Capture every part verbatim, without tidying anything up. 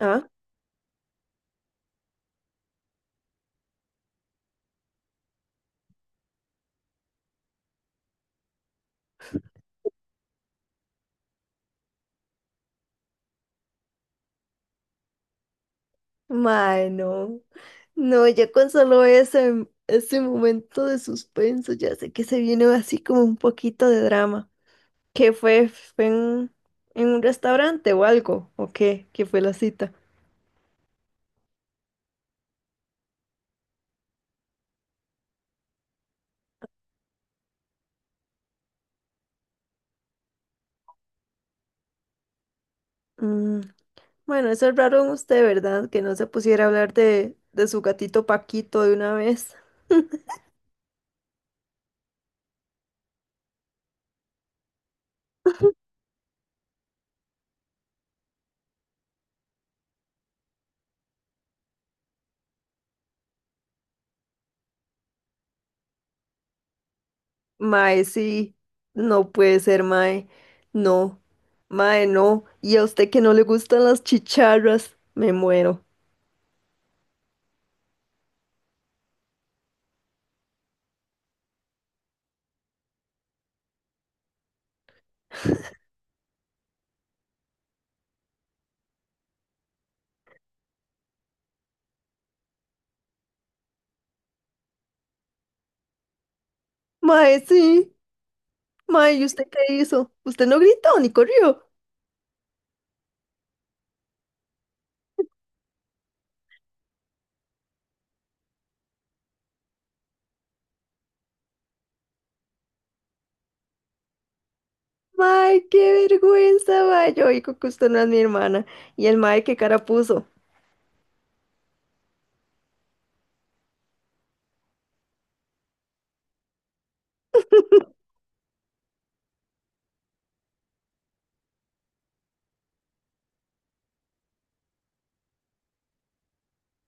Ah, mae, no. No, ya con solo ese, ese momento de suspenso, ya sé que se viene así como un poquito de drama. ¿Qué fue? ¿Fue en, en un restaurante o algo? ¿O qué? ¿Qué fue la cita? Mm, bueno, eso es raro en usted, ¿verdad? Que no se pusiera a hablar de, de su gatito Paquito de una vez. Mae, sí. No puede ser, mae. No. Mae, no. Y a usted que no le gustan las chicharras, me muero. Mae, sí. May, ¿y usted qué hizo? Usted no gritó ni corrió. May, qué vergüenza, may. Yo digo que usted no es mi hermana. Y el may, qué cara puso.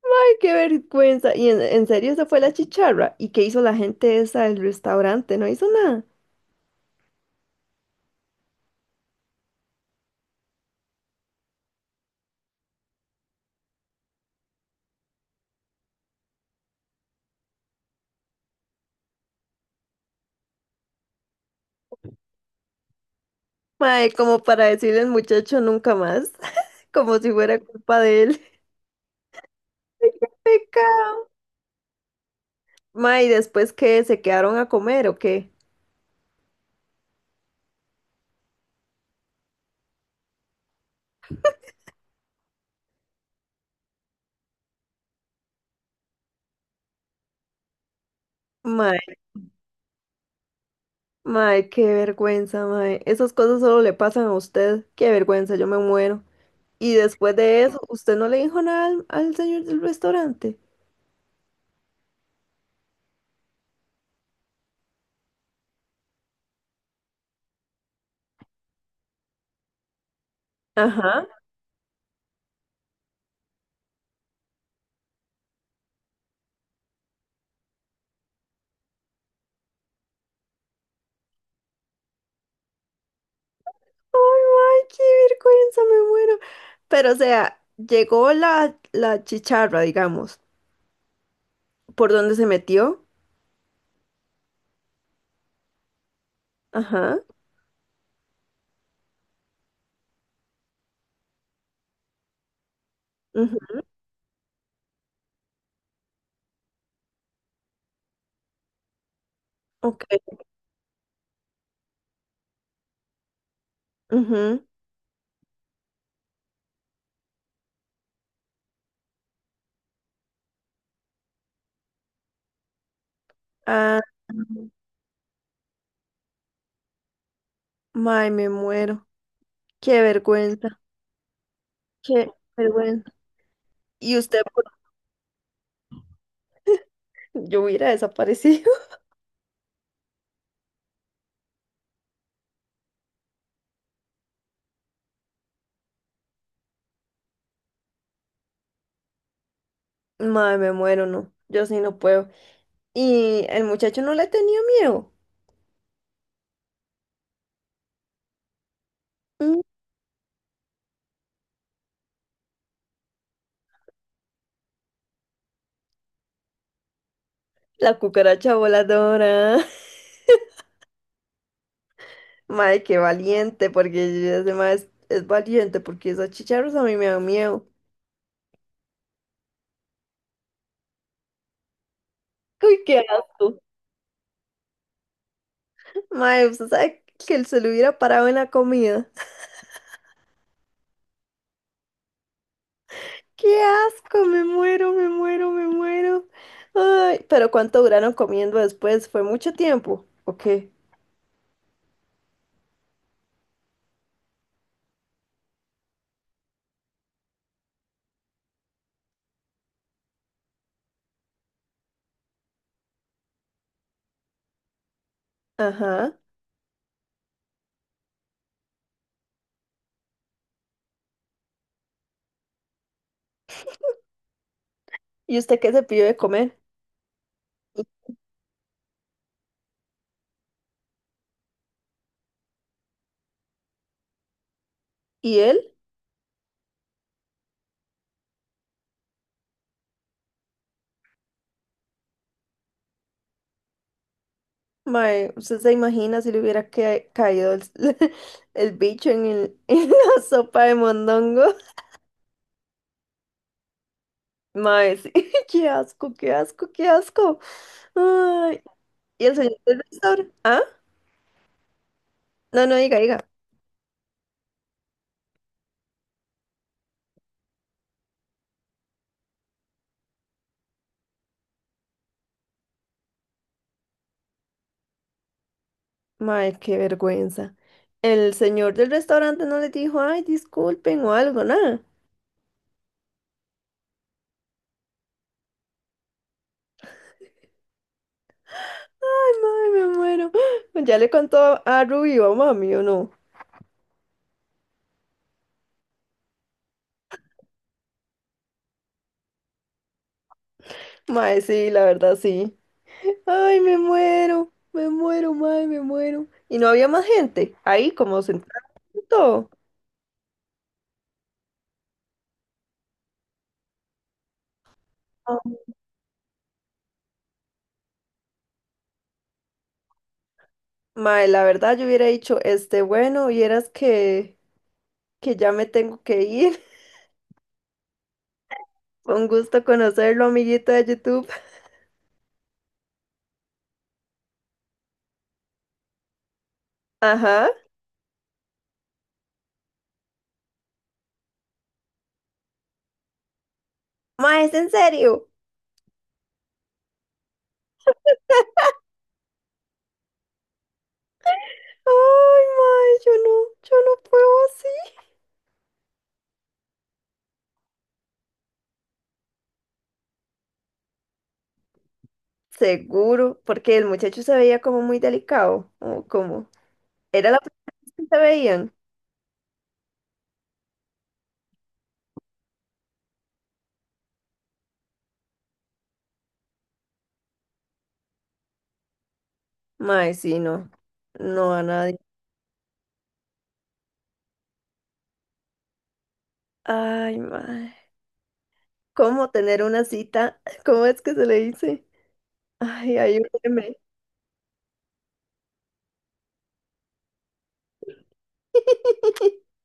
May, qué vergüenza. Y en, en serio, esa fue la chicharra. ¿Y qué hizo la gente esa del restaurante? No hizo nada. May, como para decirle al muchacho nunca más, como si fuera culpa de él. Ay, ¡qué pecado! May, ¿después qué? ¿Se quedaron a comer o qué? May, may, qué vergüenza, may. Esas cosas solo le pasan a usted. Qué vergüenza, yo me muero. Y después de eso, ¿usted no le dijo nada al, al señor del restaurante? Ajá. Ay, ay, qué vergüenza, me muero. Pero, o sea, llegó la, la chicharra, digamos, por donde se metió. Ajá. Ujú. Ok. Ujú. Ah, ay, me muero. Qué vergüenza. Qué vergüenza. Y usted, por... yo hubiera desaparecido. Ay, me muero, no. Yo sí no puedo. Y el muchacho no le tenía miedo. Mm. La cucaracha voladora. Madre, qué valiente, porque yo ya mae, es, es valiente, porque esos chicharros a mí me dan miedo. Uy, qué asco. Madre, usted sabe que él se lo hubiera parado en la comida. ¡Qué asco! Me muero, me muero, me muero. Ay, pero ¿cuánto duraron comiendo después? ¿Fue mucho tiempo? ¿O qué? Ajá. ¿Y usted qué se pidió de comer? ¿Y, y él? Mae, ¿usted se imagina si le hubiera ca- caído el, el bicho en el... en la sopa de mondongo? Mae, sí. Qué asco, qué asco, qué asco. Ay, y el señor del restaurante. Ah, no, no, diga, diga. Mae, qué vergüenza. El señor del restaurante no le dijo, ay, disculpen o algo, nada. Ay, mae, me muero. Ya le contó a Ruby o a mami o no. Mae, sí, la verdad, sí. Ay, me muero, me muero, mae, me muero. Y no había más gente ahí, como sentado. Mae, la verdad, yo hubiera dicho, este, bueno, vieras que... que ya me tengo que ir. Fue un gusto conocerlo, amiguito de YouTube. Ajá. Ma, ¿es en serio? Ay, ma, yo no, yo no puedo así. Seguro, porque el muchacho se veía como muy delicado, o como... ¿Era la primera vez que se veían? Ma, sí, no. No a nadie. Ay, ma. ¿Cómo tener una cita? ¿Cómo es que se le dice? Ay, ayúdeme.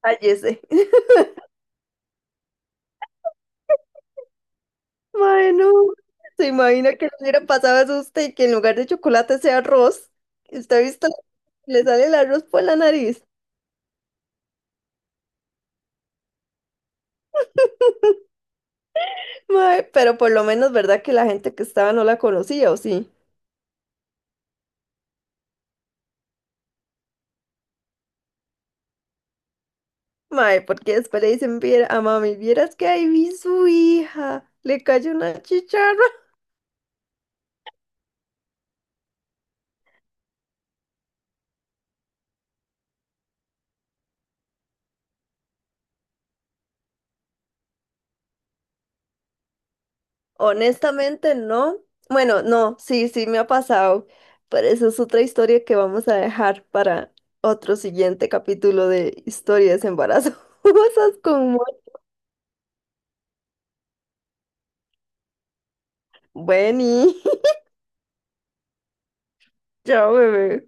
Cállese. Mae, no. ¿Se imagina que le hubiera pasado eso a usted y que en lugar de chocolate sea arroz? ¿Usted ha visto? Le sale el arroz por la nariz. Mae, pero por lo menos, ¿verdad que la gente que estaba no la conocía o sí? Mae, porque después le dicen, "Viera... a mami, vieras que ahí vi su hija, le cayó una chicharra." Honestamente, no. Bueno, no, sí, sí me ha pasado, pero eso es otra historia que vamos a dejar para otro siguiente capítulo de historias embarazosas con Mónica. Bueno, chao, bebé.